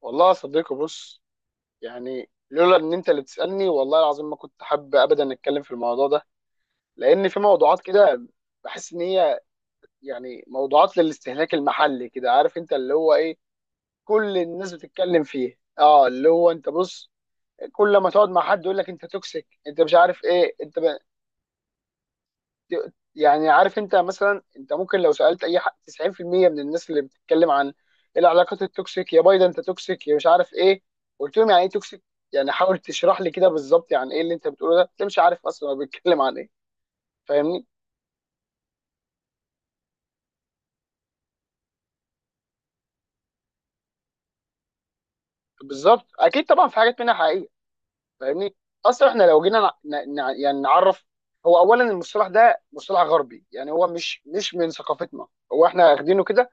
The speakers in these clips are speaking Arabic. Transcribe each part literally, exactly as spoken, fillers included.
والله يا صديقي، بص. يعني لولا ان انت اللي بتسالني والله العظيم ما كنت حابب ابدا اتكلم في الموضوع ده. لان في موضوعات كده بحس ان هي يعني موضوعات للاستهلاك المحلي كده، عارف انت اللي هو ايه. كل الناس بتتكلم فيه، اه، اللي هو انت بص، كل ما تقعد مع حد يقول لك انت توكسيك، انت مش عارف ايه، انت ت- يعني عارف انت مثلا، انت ممكن لو سالت اي حد تسعين في المية من الناس اللي بتتكلم عن العلاقات التوكسيك يا بايدن انت توكسيك يا مش عارف ايه، قلت لهم يعني ايه توكسيك؟ يعني حاول تشرح لي كده بالظبط، يعني ايه اللي انت بتقوله ده؟ انت مش عارف اصلا هو بيتكلم عن ايه. فاهمني؟ بالظبط، اكيد طبعا في حاجات منها حقيقيه. فاهمني؟ اصلا احنا لو جينا نع- نع- يعني نعرف، هو اولا المصطلح ده مصطلح غربي، يعني هو مش مش من ثقافتنا. هو احنا واخدينه كده،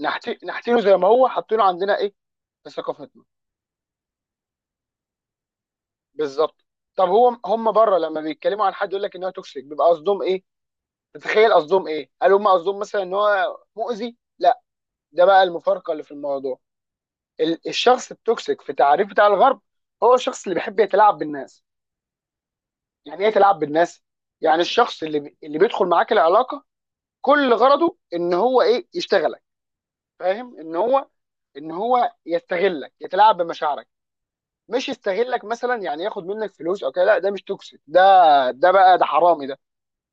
نحت- نحتينه زي ما هو، حاطينه عندنا ايه في ثقافتنا. بالظبط. طب هو هم بره لما بيتكلموا عن حد يقول لك ان هو توكسيك بيبقى قصدهم ايه؟ تتخيل قصدهم ايه؟ هل هم قصدهم مثلا ان هو مؤذي؟ لا. ده بقى المفارقه اللي في الموضوع. ال- الشخص التوكسيك في تعريف بتاع الغرب هو الشخص اللي بيحب يتلاعب بالناس. يعني ايه يتلاعب بالناس؟ يعني الشخص اللي بي- اللي بيدخل معاك العلاقه كل غرضه ان هو ايه؟ يشتغلك. فاهم؟ ان هو ان هو يستغلك، يتلاعب بمشاعرك. مش يستغلك مثلا يعني ياخد منك فلوس او كده، لا ده مش توكسيك ده، ده بقى ده حرامي ده.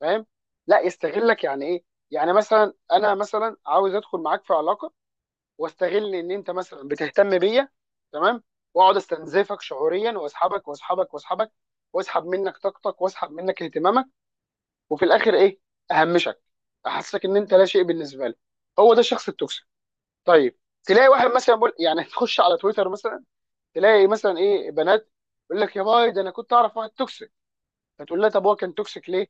فاهم؟ لا يستغلك يعني ايه. يعني مثلا انا مثلا عاوز ادخل معاك في علاقه واستغل ان انت مثلا بتهتم بيا، تمام، واقعد استنزفك شعوريا واسحبك واسحبك واسحبك، واسحب منك طاقتك واسحب منك اهتمامك، وفي الاخر ايه؟ اهمشك، احسسك ان انت لا شيء بالنسبه لي. هو ده الشخص التوكسيك. طيب. تلاقي واحد مثلا بقول يعني تخش على تويتر مثلا، تلاقي مثلا ايه بنات يقول لك يا باي، ده انا كنت اعرف واحد توكسيك. فتقول لها طب هو كان توكسيك ليه؟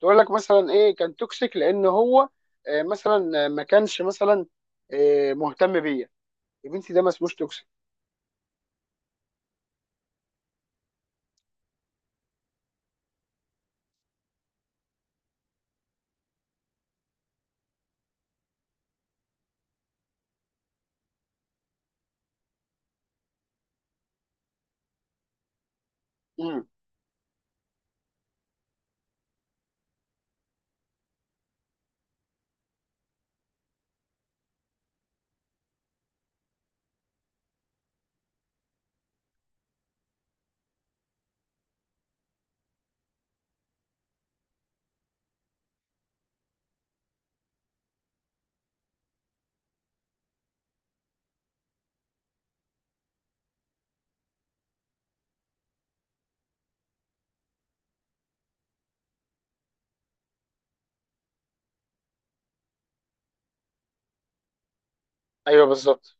تقول لك مثلا ايه، كان توكسيك لان هو آه، مثلا آه، ما كانش مثلا آه، مهتم بيا. يا بنتي ده ما اسموش توكسيك. امم. ايوه، بالظبط.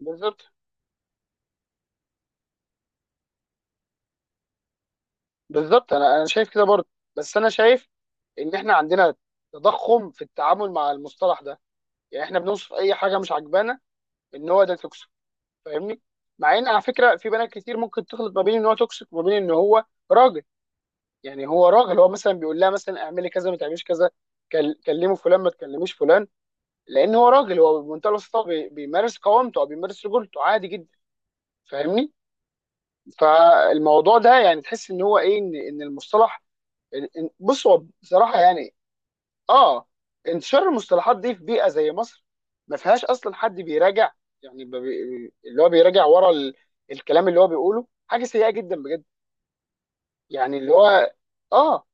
بالظبط، بالظبط، انا انا شايف كده برضه. بس انا شايف ان احنا عندنا تضخم في التعامل مع المصطلح ده، يعني احنا بنوصف اي حاجه مش عاجبانا ان هو ده توكسيك. فاهمني؟ مع ان على فكره في بنات كتير ممكن تخلط ما بين ان هو توكسيك وما بين ان هو راجل. يعني هو راجل، هو مثلا بيقول لها مثلا اعملي كذا ما تعمليش كذا، كل- كلمي فلان ما تكلميش فلان، لان هو راجل. هو بمنتهى البساطه بي- بيمارس قوامته او بيمارس رجولته عادي جدا. فاهمني؟ فالموضوع ده يعني تحس ان هو ايه، ان ان المصطلح إن- إن- بص، هو بصراحه يعني اه، انتشار المصطلحات دي في بيئه زي مصر ما فيهاش اصلا حد بيراجع. يعني ب- بي- اللي هو بيراجع ورا ال- الكلام اللي هو بيقوله، حاجه سيئه جدا بجد. يعني اللي هو اه،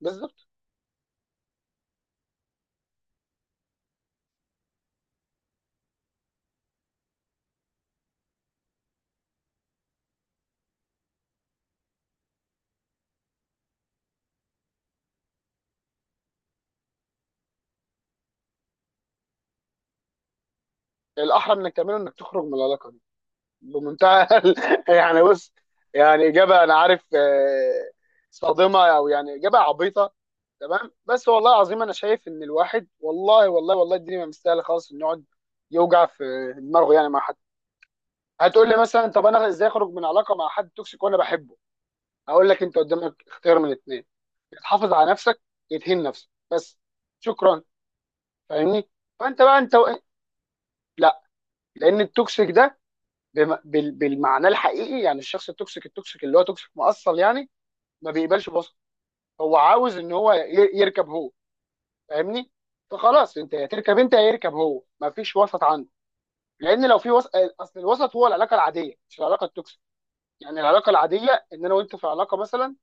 بالظبط. الاحرى انك تعمله انك تخرج من العلاقه دي بمنتهى يعني بص، يعني اجابه انا عارف آه، صادمه او يعني اجابه عبيطه. تمام، بس والله العظيم انا شايف ان الواحد والله والله والله الدنيا ما مستاهله خالص انه يقعد يوجع في دماغه يعني مع حد. هتقول لي مثلا طب انا ازاي اخرج من علاقه مع حد توكسيك وانا بحبه؟ هقول لك انت قدامك اختيار من الاثنين. يا تحافظ على نفسك، يدهن نفسك بس، شكرا. فاهمني؟ فانت بقى انت و... لا. لان التوكسيك ده بم... بال... بالمعنى الحقيقي، يعني الشخص التوكسيك التوكسيك اللي هو توكسيك مؤصل يعني ما بيقبلش بوسط. هو عاوز ان هو ي- يركب هو. فاهمني؟ فخلاص، انت يا تركب انت يا يركب هو، ما فيش وسط عنده. لان لو في وسط، اصل الوسط هو العلاقه العاديه مش العلاقه التوكسيك. يعني العلاقه العاديه ان انا وانت في علاقه مثلا،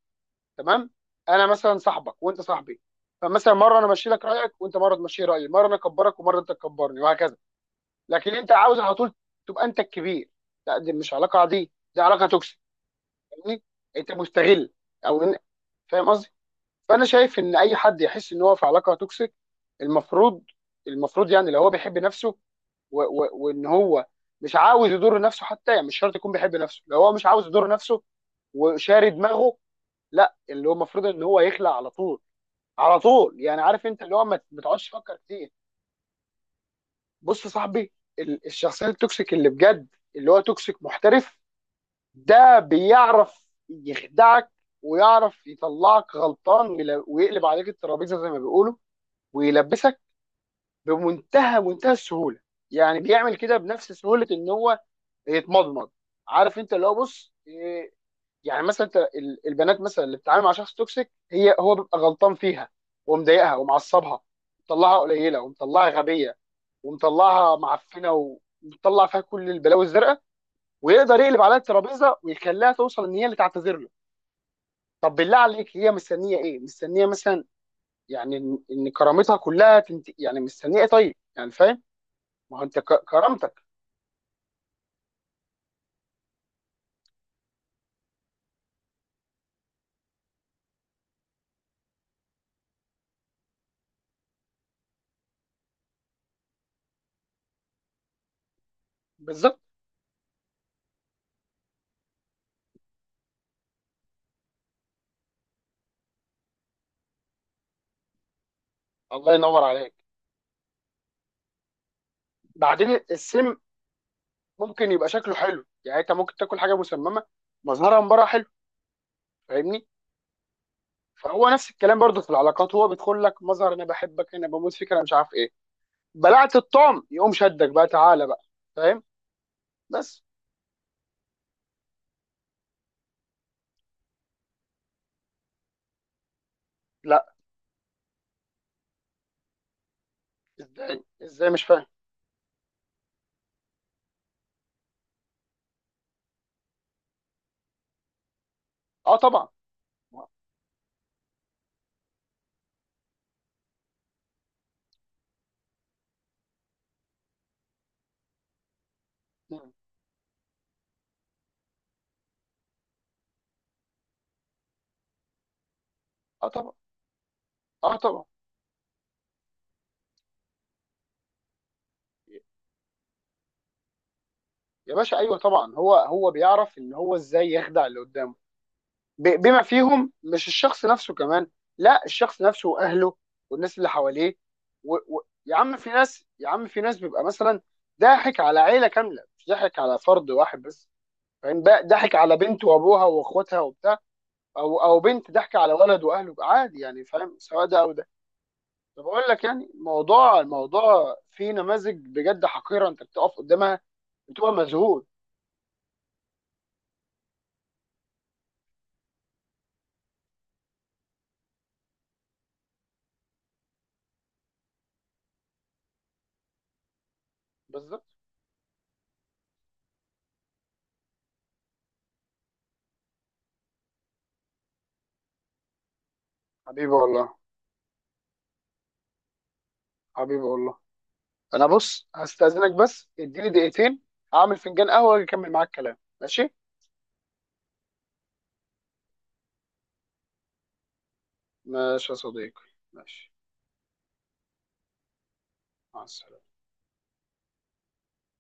تمام. انا مثلا صاحبك وانت صاحبي. فمثلا مره انا امشي لك رايك وانت مره تمشي رايي، مره انا اكبرك ومره انت تكبرني وهكذا. لكن انت عاوز على طول تبقى انت الكبير. لا دي مش علاقه عاديه، دي علاقه توكسيك. فاهمني؟ انت مستغل. او إن- فاهم قصدي. فانا شايف ان اي حد يحس ان هو في علاقه توكسيك المفروض، المفروض يعني لو هو بيحب نفسه و... و... وان هو مش عاوز يضر نفسه، حتى يعني مش شرط يكون بيحب نفسه، لو هو مش عاوز يضر نفسه وشاري دماغه، لا اللي هو المفروض ان هو يخلع على طول. على طول يعني عارف انت اللي هو ما ما تقعدش تفكر كتير. بص يا صاحبي، ال- الشخصيه التوكسيك اللي بجد، اللي هو توكسيك محترف، ده بيعرف يخدعك، ويعرف يطلعك غلطان ويل- ويقلب عليك الترابيزه زي ما بيقولوا ويلبسك بمنتهى منتهى السهوله. يعني بيعمل كده بنفس سهوله ان هو يتمضمض. عارف انت اللي هو بص إيه، يعني مثلا انت ال- البنات مثلا اللي بتتعامل مع شخص توكسيك هي هو بيبقى غلطان فيها ومضايقها ومعصبها ومطلعها قليله ومطلعها غبيه ومطلعها معفنه ومطلع فيها كل البلاوي الزرقاء، ويقدر يقلب عليها الترابيزه ويخليها توصل ان هي اللي تعتذر له. طب بالله عليك هي مستنيه ايه؟ مستنيه مثلا يعني ان إن كرامتها كلها تنت... يعني مستنيه ايه طيب، يعني فاهم. ما هو انت ك... كرامتك. بالظبط. الله ينور عليك. بعدين السم ممكن يبقى شكله حلو. يعني انت ممكن تاكل حاجه مسممه مظهرها من بره حلو. فاهمني؟ فهو نفس الكلام برضو في العلاقات، هو بيدخل لك مظهر انا بحبك انا بموت فيك انا مش عارف ايه، بلعت الطعم يقوم شدك بقى تعالى بقى. فاهم؟ بس لا، ازاي ازاي مش فاهم. اه طبعا. اه طبعا. اه طبعا. يا باشا، ايوه طبعا. هو هو بيعرف ان هو ازاي يخدع اللي قدامه، ب- بما فيهم مش الشخص نفسه كمان، لا، الشخص نفسه واهله والناس اللي حواليه و... و... يا عم في ناس، يا عم في ناس بيبقى مثلا ضاحك على عيله كامله مش ضاحك على فرد واحد بس. فاهم بقى؟ ضاحك على بنت وابوها واخواتها وبتاع، او او بنت ضاحكه على ولد واهله. عادي يعني، فاهم سواء ده او ده. طب اقول لك، يعني الموضوع الموضوع فيه نماذج بجد حقيره، انت بتقف قدامها بتبقى مذهول. بالظبط. حبيبي والله. حبيبي والله. انا بص هستأذنك بس، اديني دقيقتين. هعمل فنجان قهوة واجي اكمل معاك الكلام، ماشي؟ ماشي يا صديقي. ماشي. مع السلامة.